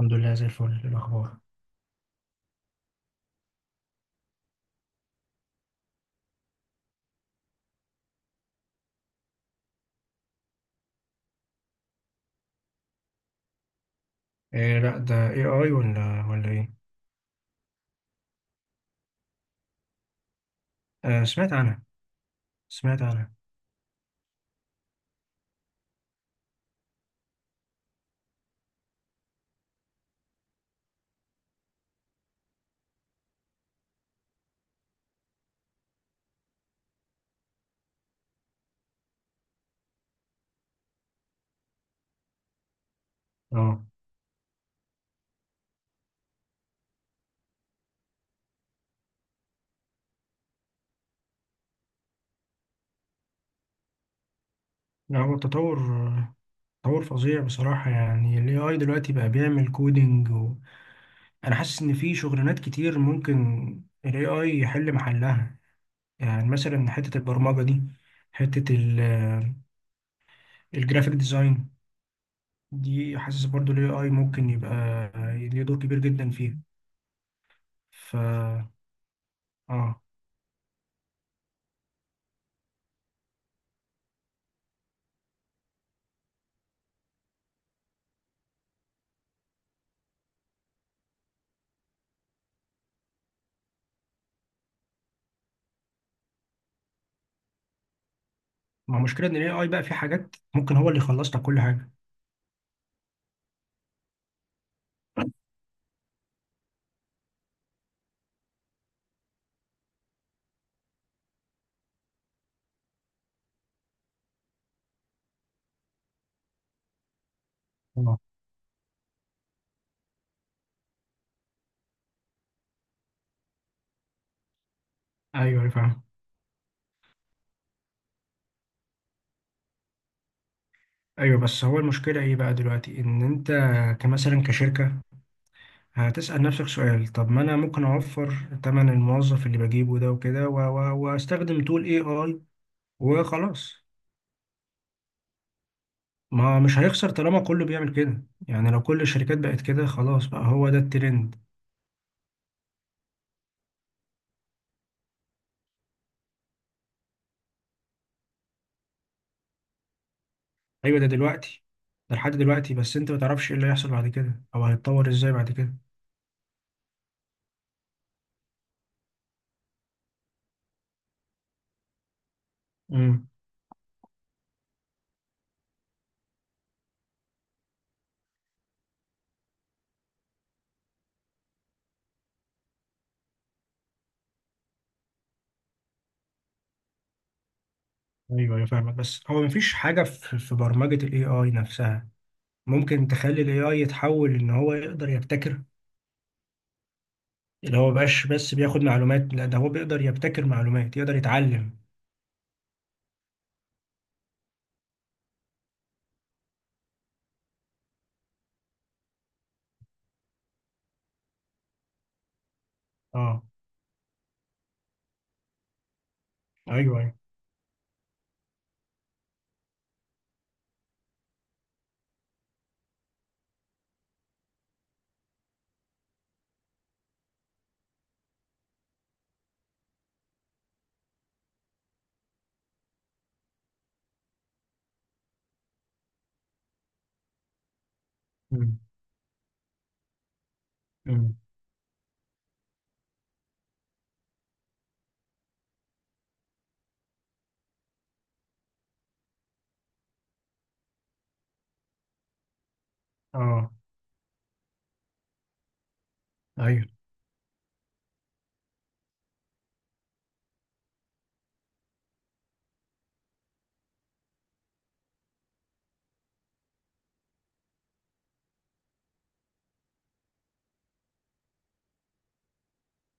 الحمد لله زي الفل. إيه الأخبار؟ إيه، لا ده اي اي ولا ايه؟ آه، سمعت عنها. سمعت عنها. اه، لا هو تطور، تطور فظيع بصراحة. يعني ال AI دلوقتي بقى بيعمل كودينج و... أنا حاسس إن في شغلانات كتير ممكن ال AI يحل محلها. يعني مثلا حتة البرمجة دي، حتة ال الجرافيك ديزاين دي، حاسس برضو ال AI ممكن يبقى ليه دور كبير جدا فيها. ف اه ما مشكلة إن ال AI بقى في حاجات ممكن هو اللي يخلص لك كل حاجة. آه. ايوه، أيوة، فاهم. ايوه، بس هو المشكله ايه بقى دلوقتي؟ ان انت كمثلا كشركه هتسال نفسك سؤال، طب ما انا ممكن اوفر تمن الموظف اللي بجيبه ده وكده واستخدم تول اي اي وخلاص. ما مش هيخسر طالما كله بيعمل كده. يعني لو كل الشركات بقت كده خلاص بقى هو ده الترند. ايوه ده دلوقتي، ده لحد دلوقتي، بس انت ما تعرفش ايه اللي هيحصل بعد كده او هيتطور ازاي بعد كده. امم. ايوه ايوه فاهمك. بس هو مفيش حاجه في برمجه الاي اي نفسها ممكن تخلي ال AI يتحول إن هو يقدر يبتكر؟ اللي هو مبقاش بس بياخد معلومات، لا ده هو بيقدر يبتكر معلومات، يقدر يتعلم. اه. ايوه ايوه. أمم، أمم، اه ايوه.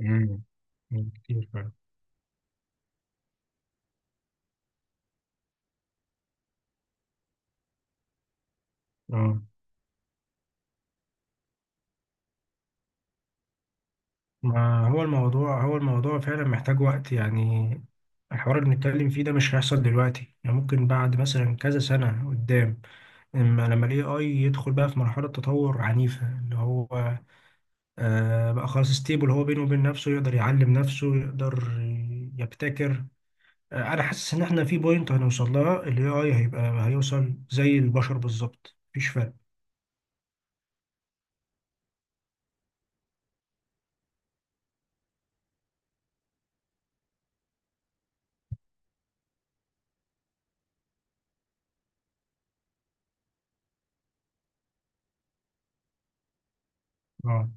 أمم، أمم، كتير فعلا. اه، ما هو الموضوع، فعلا محتاج وقت. يعني الحوار اللي بنتكلم فيه ده مش هيحصل دلوقتي، يعني ممكن بعد مثلا كذا سنة قدام. اما لما ال AI يدخل بقى في مرحلة تطور عنيفة، اللي هو آه بقى خلاص ستيبل، هو بينه وبين نفسه يقدر يعلم نفسه، يقدر يبتكر. آه، انا حاسس ان احنا في بوينت هنوصل لها الاي اي هيوصل زي البشر بالظبط، مفيش فرق. اه،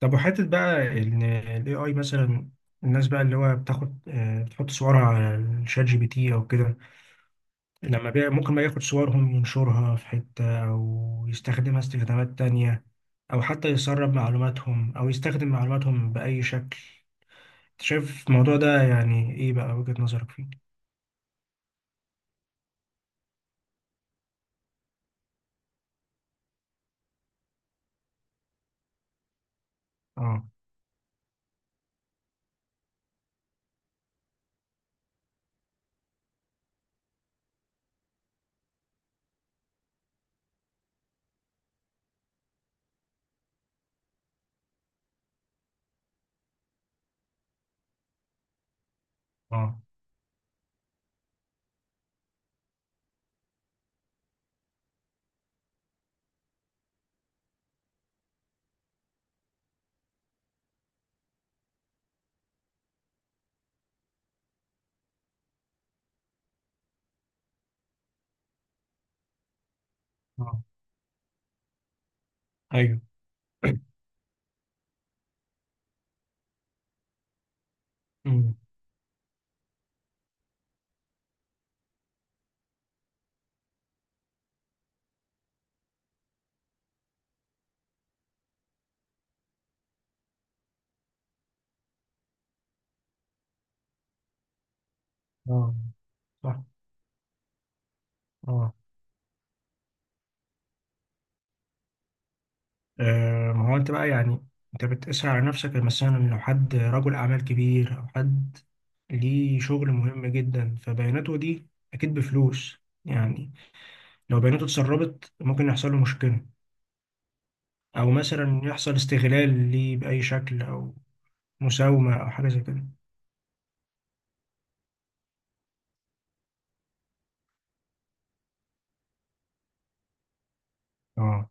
طب وحته بقى ان الاي اي مثلا الناس بقى اللي هو بتاخد آه بتحط صورها على الشات جي بي تي او كده، لما بقى ممكن بقى ياخد صورهم ينشرها في حته او يستخدمها استخدامات تانية، او حتى يسرب معلوماتهم او يستخدم معلوماتهم باي شكل. شايف الموضوع ده يعني ايه بقى وجهة نظرك فيه؟ اه اه اه ايوه. أمم، اه، صح. اه، آه، ما هو انت بقى يعني، انت بتقيسها على نفسك مثلا. لو حد رجل اعمال كبير او حد ليه شغل مهم جدا فبياناته دي اكيد بفلوس يعني، لو بياناته اتسربت ممكن يحصل له مشكلة، او مثلا يحصل استغلال ليه بأي شكل، او مساومة او حاجة زي كده. اه،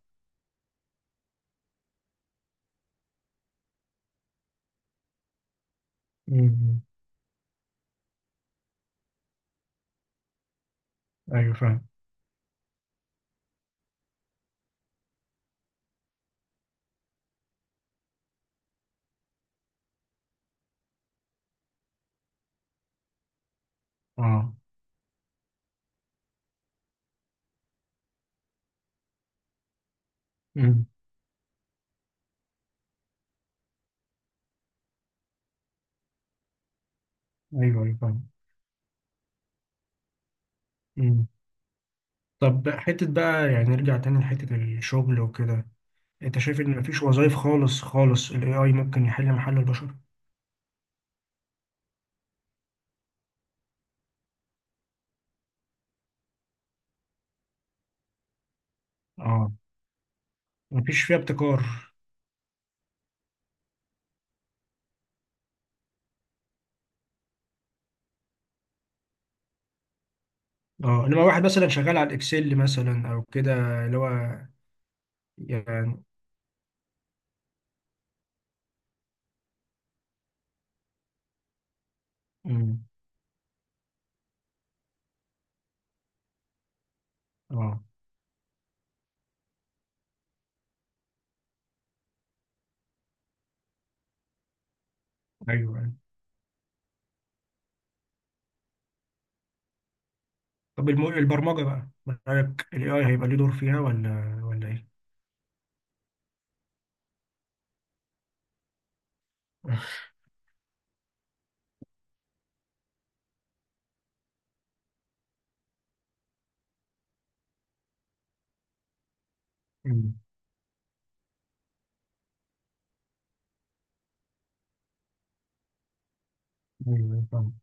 أمم، ايوه فاهم. اه، أمم، ايوه ايوه فاهم. مم. طب حتة بقى يعني نرجع تاني لحتة الشغل وكده، انت شايف ان مفيش وظائف خالص خالص ال AI ممكن يحل محل البشر؟ اه، مفيش فيها ابتكار. اه، انما واحد مثلا شغال على الاكسل مثلا او كده، اللي هو يعني. مم. اه ايوه أيوة. طب الم... البرمجة بقى من رأيك ال AI هيبقى ليه دور فيها ولا ايه؟ مم. ايوه فاهم.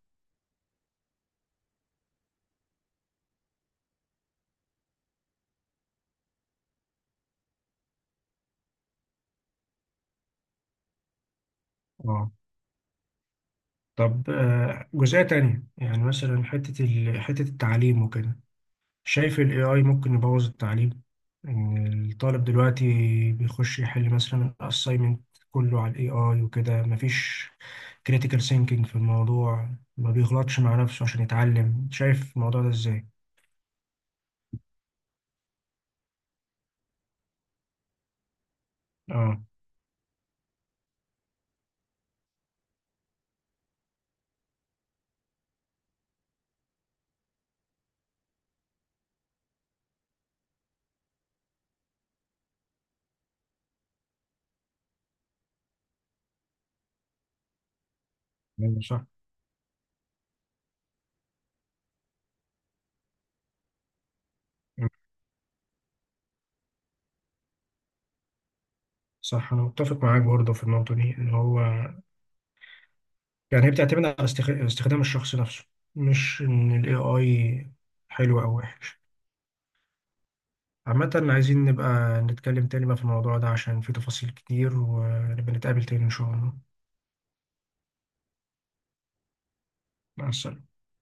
اه، طب آه، جزئية تانية، يعني مثلا حتة التعليم وكده، شايف ال AI ممكن يبوظ التعليم؟ إن الطالب دلوقتي بيخش يحل مثلا الأسايمنت كله على ال AI وكده، مفيش critical thinking في الموضوع، ما بيغلطش مع نفسه عشان يتعلم. شايف الموضوع ده إزاي؟ آه، أيوة، صح. صح، أنا متفق معاك برضه في النقطة دي، إن هو يعني هي بتعتمد على استخدام الشخص نفسه، مش إن ال AI حلو أو وحش. عامة، عايزين نبقى نتكلم تاني بقى في الموضوع ده عشان فيه تفاصيل كتير، ونبقى نتقابل تاني إن شاء الله. مع السلامة.